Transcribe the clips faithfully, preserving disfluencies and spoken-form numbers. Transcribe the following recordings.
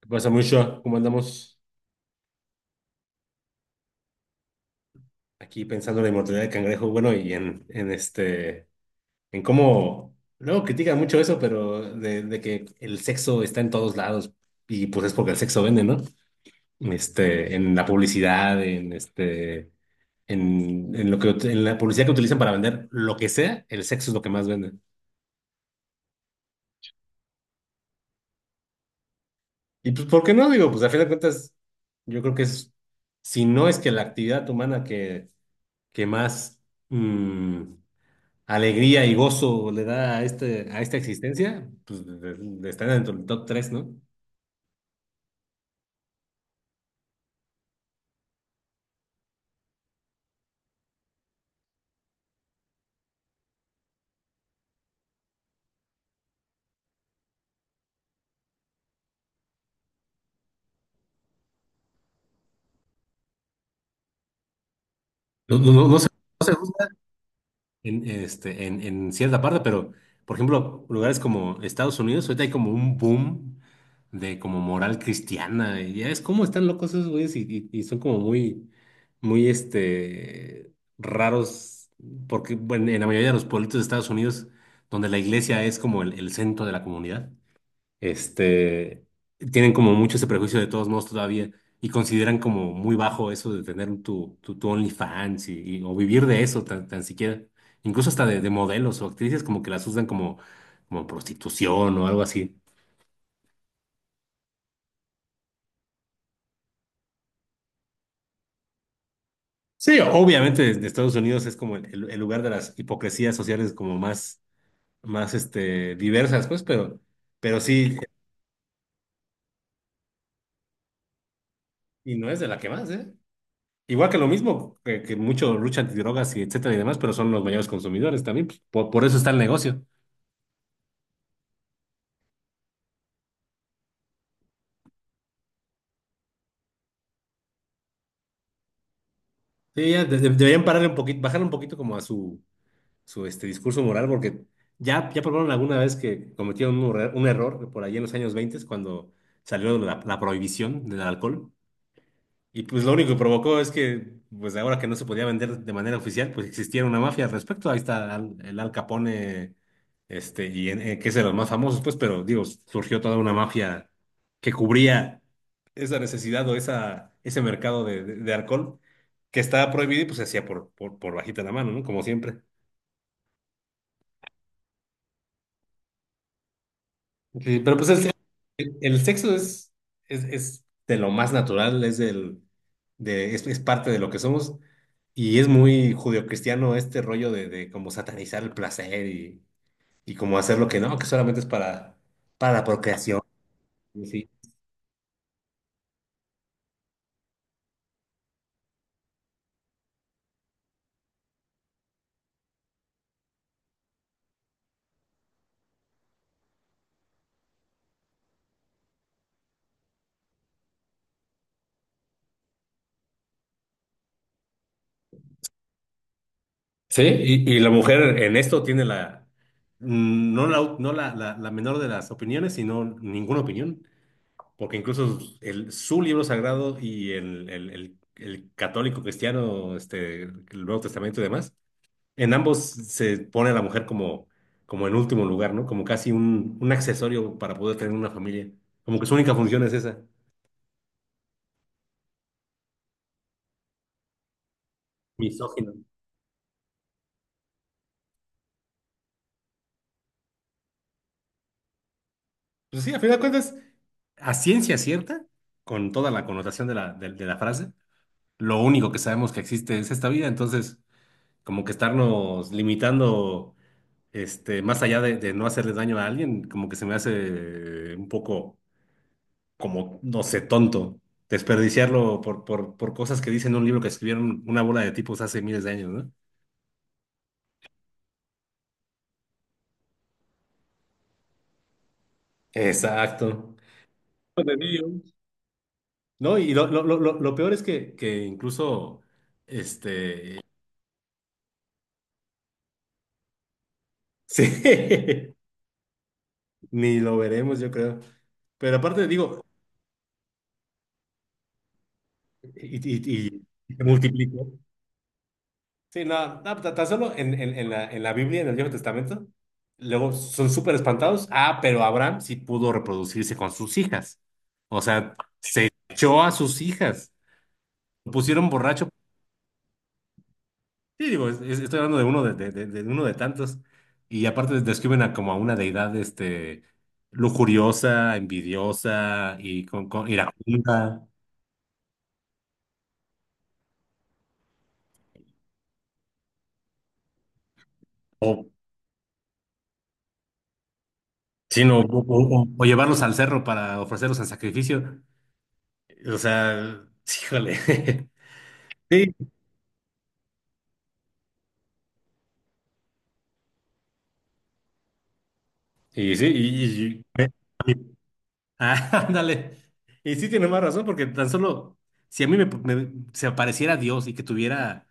¿Qué pasa, mucho? ¿Cómo andamos aquí pensando en la inmortalidad del cangrejo? Bueno, y en, en este, en cómo, luego critican mucho eso, pero de, de que el sexo está en todos lados y pues es porque el sexo vende, ¿no? Este, en la publicidad, en este, en, en lo que, en la publicidad que utilizan para vender lo que sea, el sexo es lo que más vende. Y pues, ¿por qué no? Digo, pues a fin de cuentas, yo creo que es, si no es que la actividad humana que, que más mm, alegría y gozo le da a, este, a esta existencia, pues de- de- está dentro del top tres, ¿no? No, no, no- no se, no se juzga en, este, en, en cierta parte, pero por ejemplo, lugares como Estados Unidos, ahorita hay como un boom de como moral cristiana, y ya es como están locos esos güeyes y, y- y son como muy, muy este, raros, porque bueno, en la mayoría de los pueblitos de Estados Unidos, donde la iglesia es como el el centro de la comunidad este, Tienen como mucho ese prejuicio de todos modos todavía y consideran como muy bajo eso de tener tu, tu, tu OnlyFans y, y- o vivir de eso tan, tan siquiera. Incluso hasta de, de modelos o actrices como que las usan como, como prostitución o algo así. Sí, obviamente desde Estados Unidos es como el, el- el lugar de las hipocresías sociales como más, más este, diversas, pues, pero, pero sí, y no es de la que más, ¿eh? Igual que lo mismo, que, que mucho lucha antidrogas y etcétera y demás, pero son los mayores consumidores también, pues, por, por eso está el negocio. Sí, ya de- de- deberían pararle un poquito, bajarle un poquito como a su, su este, discurso moral, porque ya, ya probaron alguna vez que cometieron un, error un error por ahí en los años veinte cuando salió la, la prohibición del alcohol. Y pues lo único que provocó es que, pues ahora que no se podía vender de manera oficial, pues existiera una mafia al respecto. Ahí está Al- el Al Capone, este, y en- eh, que es de los más famosos, pues, pero digo, surgió toda una mafia que cubría esa necesidad o esa, ese mercado de, de- de alcohol que estaba prohibido y pues se hacía por, por, por bajita la mano, ¿no? Como siempre. Sí, pero pues es- el, el sexo es, es, es de lo más natural, es, del, de, es, es parte de lo que somos y es muy judeocristiano este rollo de, de como satanizar el placer y, y como hacer lo que no, que solamente es para, para la procreación. Y sí, sí, y, y la mujer en esto tiene la, mm, no la, no la, la, la menor de las opiniones, sino ninguna opinión. Porque incluso el, su libro sagrado y el, el, el- el católico cristiano, este, el Nuevo Testamento y demás, en ambos se pone a la mujer como, como en último lugar, ¿no? Como casi un, un accesorio para poder tener una familia. Como que su única función es esa, misógino. Pues sí, a final de cuentas, a ciencia cierta, con toda la connotación de la, de, de la frase, lo único que sabemos que existe es esta vida, entonces como que estarnos limitando este, más allá de, de no hacerle daño a alguien, como que se me hace eh, un poco, como, no sé, tonto desperdiciarlo por, por, por cosas que dicen en un libro que escribieron una bola de tipos hace miles de años, ¿no? Exacto. De Dios. No, y lo, lo, lo, lo lo peor es que, que incluso, este, sí, ni lo veremos, yo creo. Pero aparte digo, y, y, y se multiplicó. Sí, no, no, ta- tan solo en, en, en la, en la Biblia, en el Viejo Testamento, luego son súper espantados. Ah, pero Abraham sí pudo reproducirse con sus hijas. O sea, se echó a sus hijas. Lo pusieron borracho. Sí, digo, es- es- estoy hablando de uno de, de, de- de uno de tantos. Y aparte describen a como a una deidad este, lujuriosa, envidiosa y con, con iracunda. O, sino, o, o- o llevarlos al cerro para ofrecerlos en sacrificio. O sea, híjole. Sí, y sí, y, y- y- ah, ándale. Y sí tiene más razón, porque tan solo si a mí me, me- se apareciera Dios y que tuviera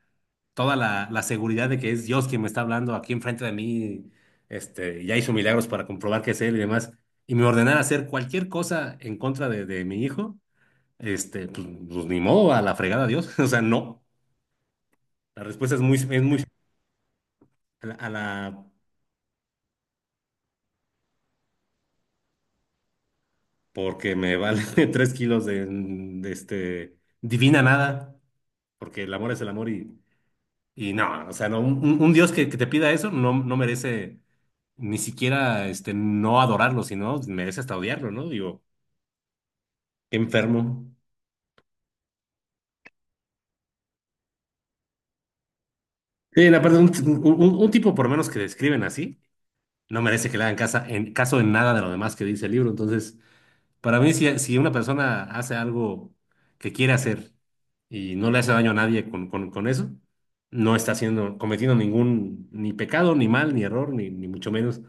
toda la, la seguridad de que es Dios quien me está hablando aquí enfrente de mí, este, ya hizo milagros para comprobar que es Él y demás, y me ordenara hacer cualquier cosa en contra de, de mi hijo, este, pues, pues, ni modo, a la fregada Dios. O sea, no. La respuesta es muy, es muy a la, a la- porque me vale tres kilos de, de este divina nada. Porque el amor es el amor y, y no, o sea, no, un, un- un Dios que, que te pida eso no, no merece ni siquiera este, no adorarlo, sino merece hasta odiarlo, ¿no? Digo, qué enfermo. Sí, la verdad, un, un- un tipo por menos que describen así, no merece que le hagan casa, en, caso en nada de lo demás que dice el libro. Entonces, para mí, si, si una persona hace algo que quiere hacer y no le hace daño a nadie con, con, con eso, no está haciendo, cometiendo ningún, ni pecado, ni mal, ni error, ni, ni mucho menos.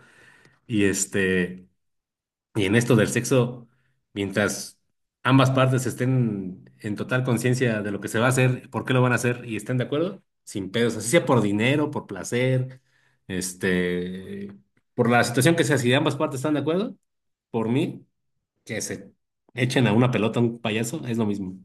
Y este, Y en esto del sexo, mientras ambas partes estén en total conciencia de lo que se va a hacer, por qué lo van a hacer y estén de acuerdo, sin pedos, así sea por dinero, por placer, este, por la situación que sea, si ambas partes están de acuerdo, por mí, que se echen a una pelota a un payaso, es lo mismo.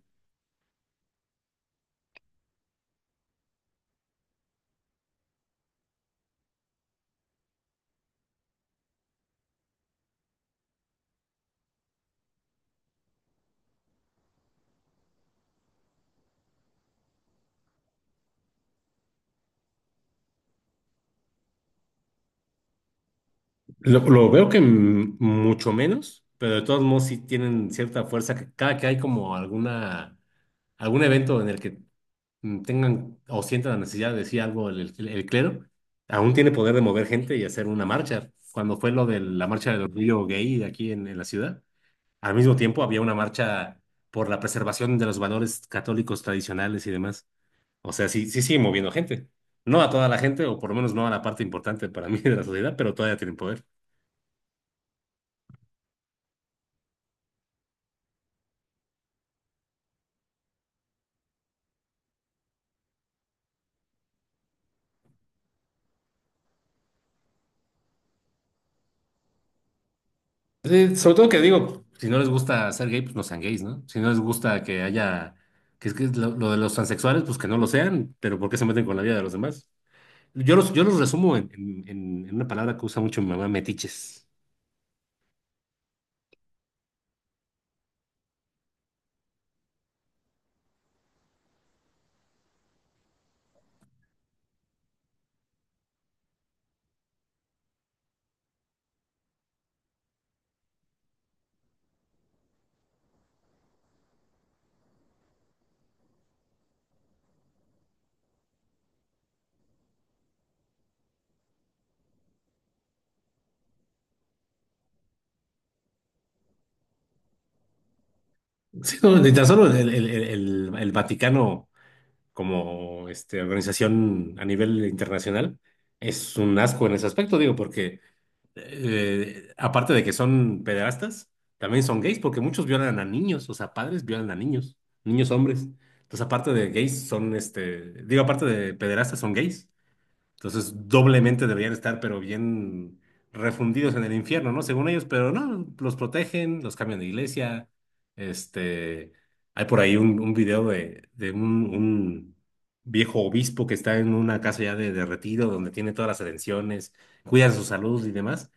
Lo, lo veo que m- mucho menos, pero de todos modos sí tienen cierta fuerza, que cada que hay como alguna algún evento en el que mm, tengan o sientan la necesidad de decir algo el, el- el clero, aún tiene poder de mover gente y hacer una marcha. Cuando fue lo de la marcha del orgullo gay aquí en, en la ciudad, al mismo tiempo había una marcha por la preservación de los valores católicos tradicionales y demás. O sea, sí, sí sigue moviendo gente. No a toda la gente, o por lo menos no a la parte importante para mí de la sociedad, pero todavía tienen poder. Sí, sobre todo que digo, si no les gusta ser gay, pues no sean gays, ¿no? Si no les gusta que haya, que es que es lo, lo de los transexuales, pues que no lo sean, pero ¿por qué se meten con la vida de los demás? Yo los, yo los resumo en, en- en- en una palabra que usa mucho mi mamá, metiches. Sí, no, ni tan solo el, el- el- el- el Vaticano como este, organización a nivel internacional es un asco en ese aspecto, digo, porque eh, aparte de que son pederastas, también son gays porque muchos violan a niños, o sea, padres violan a niños, niños hombres. Entonces, aparte de gays, son este, digo, aparte de pederastas, son gays. Entonces, doblemente deberían estar, pero bien refundidos en el infierno, ¿no? Según ellos, pero no, los protegen, los cambian de iglesia. Este, hay por ahí un, un video de, de un, un viejo obispo que está en una casa ya de, de retiro donde tiene todas las atenciones, cuidan su salud y demás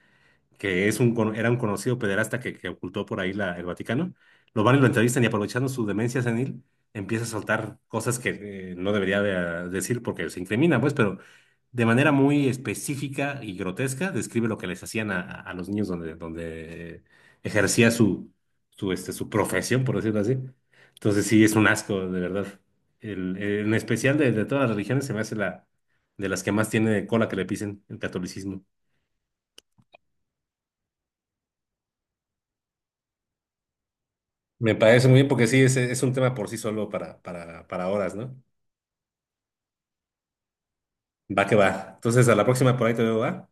que es un, cono- era un conocido pederasta que, que ocultó por ahí la, el Vaticano, lo van y lo entrevistan y aprovechando su demencia senil, empieza a soltar cosas que eh, no debería de- ah, decir porque se incrimina, pues, pero de manera muy específica y grotesca describe lo que les hacían a, a- a los niños donde, donde ejercía su, su, este, su profesión, por decirlo así. Entonces sí, es un asco, de verdad. El, en especial de, de todas las religiones se me hace la de las que más tiene cola que le pisen el catolicismo. Me parece muy bien porque sí, es, es un tema por sí solo para, para, para horas, ¿no? Va que va. Entonces, a la próxima por ahí te veo, ¿va?